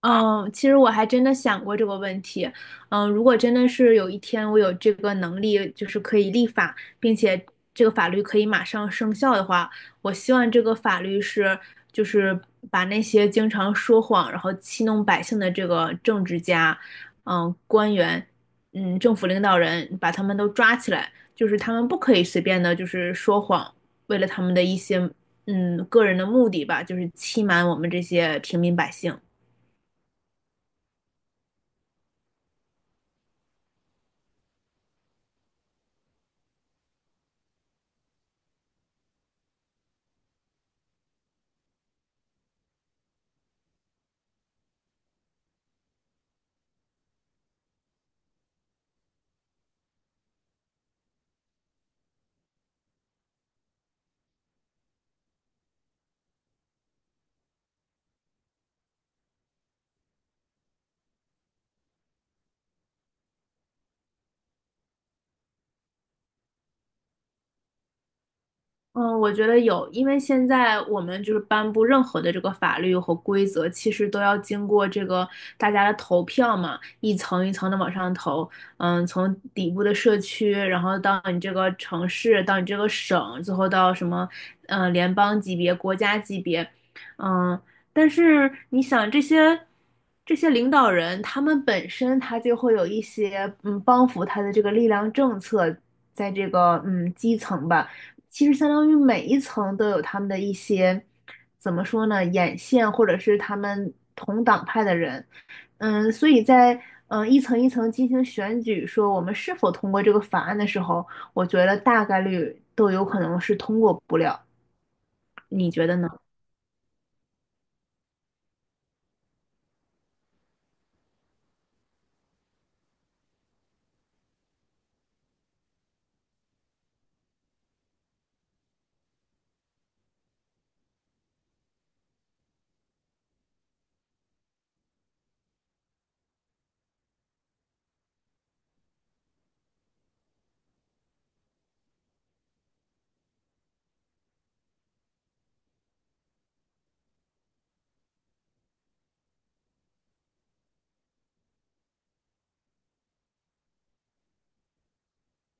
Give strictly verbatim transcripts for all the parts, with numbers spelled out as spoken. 嗯，其实我还真的想过这个问题。嗯，如果真的是有一天我有这个能力，就是可以立法，并且这个法律可以马上生效的话，我希望这个法律是，就是把那些经常说谎，然后欺弄百姓的这个政治家、嗯官员、嗯政府领导人，把他们都抓起来，就是他们不可以随便的，就是说谎，为了他们的一些嗯个人的目的吧，就是欺瞒我们这些平民百姓。嗯，我觉得有，因为现在我们就是颁布任何的这个法律和规则，其实都要经过这个大家的投票嘛，一层一层的往上投。嗯，从底部的社区，然后到你这个城市，到你这个省，最后到什么，嗯、联邦级别、国家级别，嗯。但是你想这些这些领导人，他们本身他就会有一些嗯帮扶他的这个力量政策，在这个嗯基层吧。其实相当于每一层都有他们的一些，怎么说呢，眼线或者是他们同党派的人，嗯，所以在嗯呃一层一层进行选举，说我们是否通过这个法案的时候，我觉得大概率都有可能是通过不了，你觉得呢？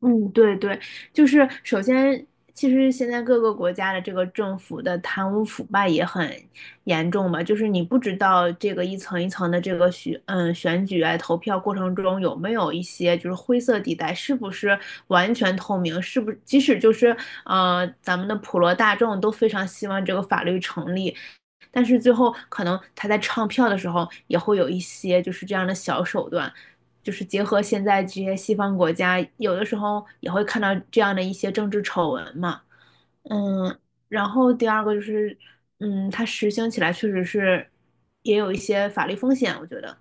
嗯，对对，就是首先，其实现在各个国家的这个政府的贪污腐败也很严重嘛，就是你不知道这个一层一层的这个选嗯选举啊投票过程中有没有一些就是灰色地带，是不是完全透明，是不即使就是呃咱们的普罗大众都非常希望这个法律成立，但是最后可能他在唱票的时候也会有一些就是这样的小手段，就是结合现在这些西方国家，有的时候也会看到这样的一些政治丑闻嘛。嗯，然后第二个就是，嗯，它实行起来确实是也有一些法律风险，我觉得。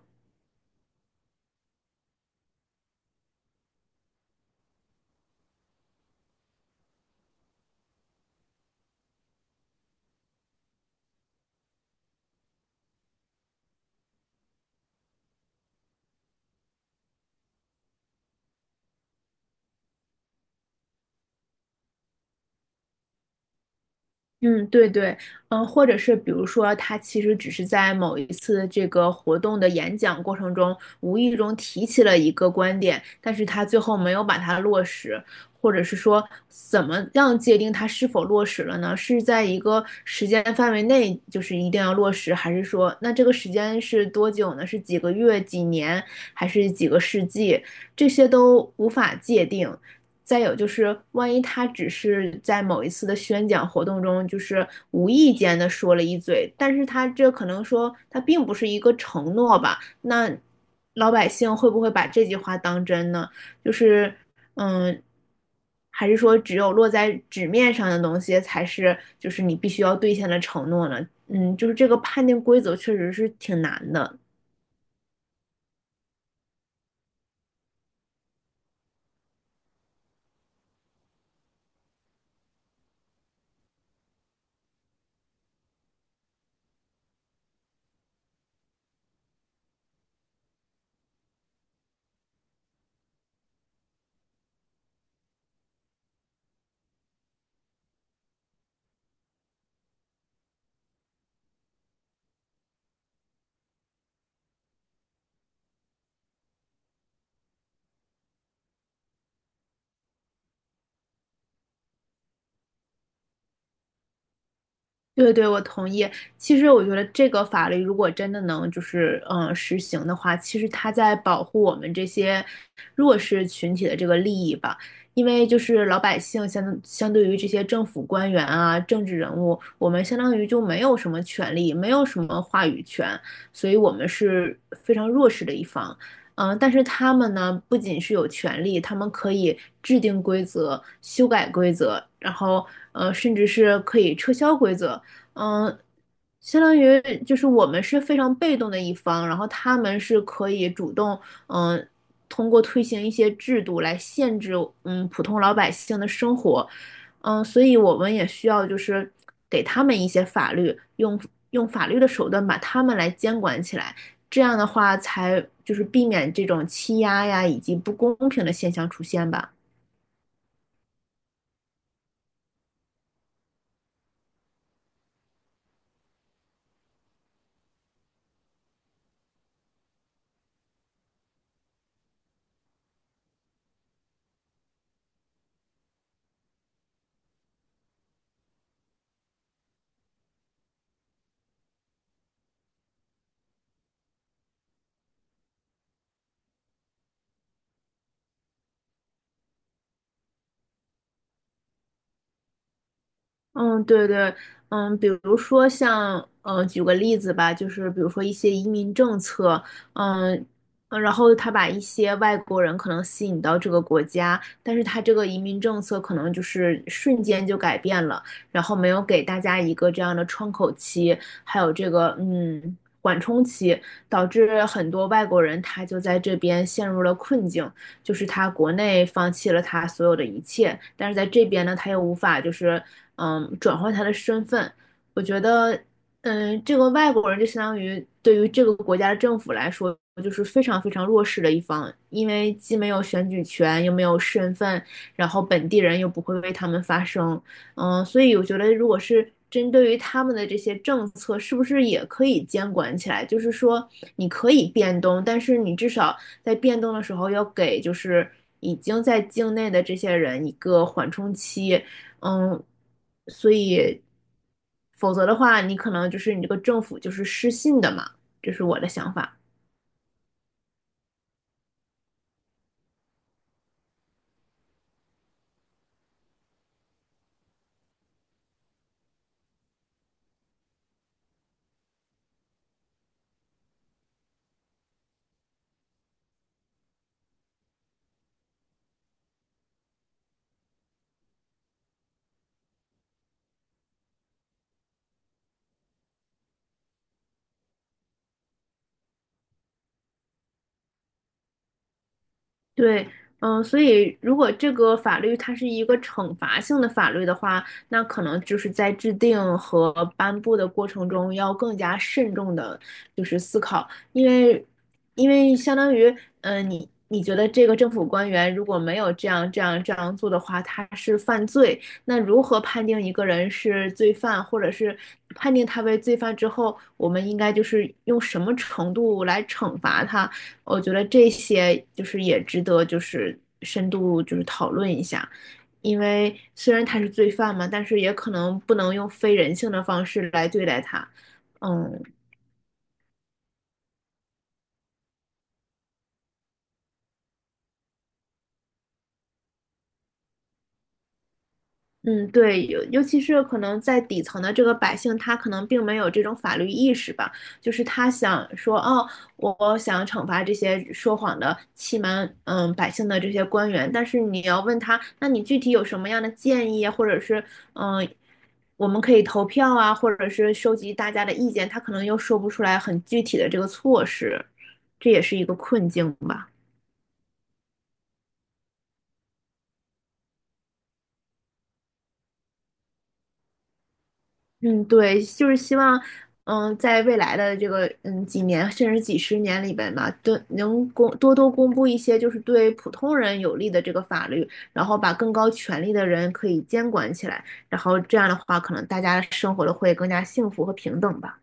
嗯，对对，嗯，或者是比如说，他其实只是在某一次这个活动的演讲过程中，无意中提起了一个观点，但是他最后没有把它落实，或者是说，怎么样界定它是否落实了呢？是在一个时间范围内，就是一定要落实，还是说，那这个时间是多久呢？是几个月、几年，还是几个世纪？这些都无法界定，再有就是，万一他只是在某一次的宣讲活动中，就是无意间的说了一嘴，但是他这可能说他并不是一个承诺吧？那老百姓会不会把这句话当真呢？就是，嗯，还是说只有落在纸面上的东西才是，就是你必须要兑现的承诺呢？嗯，就是这个判定规则确实是挺难的。对对，我同意。其实我觉得这个法律如果真的能就是嗯实行的话，其实它在保护我们这些弱势群体的这个利益吧。因为就是老百姓相相对于这些政府官员啊、政治人物，我们相当于就没有什么权利，没有什么话语权，所以我们是非常弱势的一方。嗯，但是他们呢，不仅是有权利，他们可以制定规则、修改规则，然后呃，甚至是可以撤销规则。嗯，相当于就是我们是非常被动的一方，然后他们是可以主动，嗯，通过推行一些制度来限制，嗯，普通老百姓的生活，嗯，所以我们也需要就是给他们一些法律，用用法律的手段把他们来监管起来，这样的话才就是避免这种欺压呀以及不公平的现象出现吧。嗯，对对，嗯，比如说像，嗯，举个例子吧，就是比如说一些移民政策，嗯，呃然后他把一些外国人可能吸引到这个国家，但是他这个移民政策可能就是瞬间就改变了，然后没有给大家一个这样的窗口期，还有这个嗯缓冲期，导致很多外国人他就在这边陷入了困境，就是他国内放弃了他所有的一切，但是在这边呢，他又无法就是嗯转换他的身份。我觉得，嗯，这个外国人就相当于对于这个国家的政府来说，就是非常非常弱势的一方，因为既没有选举权，又没有身份，然后本地人又不会为他们发声，嗯，所以我觉得如果是针对于他们的这些政策，是不是也可以监管起来？就是说你可以变动，但是你至少在变动的时候要给就是已经在境内的这些人一个缓冲期，嗯，所以否则的话，你可能就是你这个政府就是失信的嘛，这是我的想法。对，嗯、所以如果这个法律它是一个惩罚性的法律的话，那可能就是在制定和颁布的过程中要更加慎重的，就是思考，因为，因为相当于，嗯、你你觉得这个政府官员如果没有这样这样这样做的话，他是犯罪，那如何判定一个人是罪犯，或者是判定他为罪犯之后，我们应该就是用什么程度来惩罚他？我觉得这些就是也值得就是深度就是讨论一下，因为虽然他是罪犯嘛，但是也可能不能用非人性的方式来对待他。嗯，嗯，对，尤尤其是可能在底层的这个百姓，他可能并没有这种法律意识吧，就是他想说，哦，我想惩罚这些说谎的、欺瞒嗯百姓的这些官员，但是你要问他，那你具体有什么样的建议啊，或者是嗯，我们可以投票啊，或者是收集大家的意见，他可能又说不出来很具体的这个措施，这也是一个困境吧。嗯，对，就是希望，嗯，在未来的这个嗯几年甚至几十年里边吧，都能公多多公布一些就是对普通人有利的这个法律，然后把更高权力的人可以监管起来，然后这样的话，可能大家生活的会更加幸福和平等吧。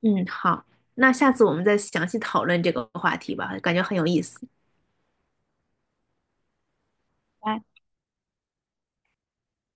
嗯，好，那下次我们再详细讨论这个话题吧，感觉很有意思。拜拜。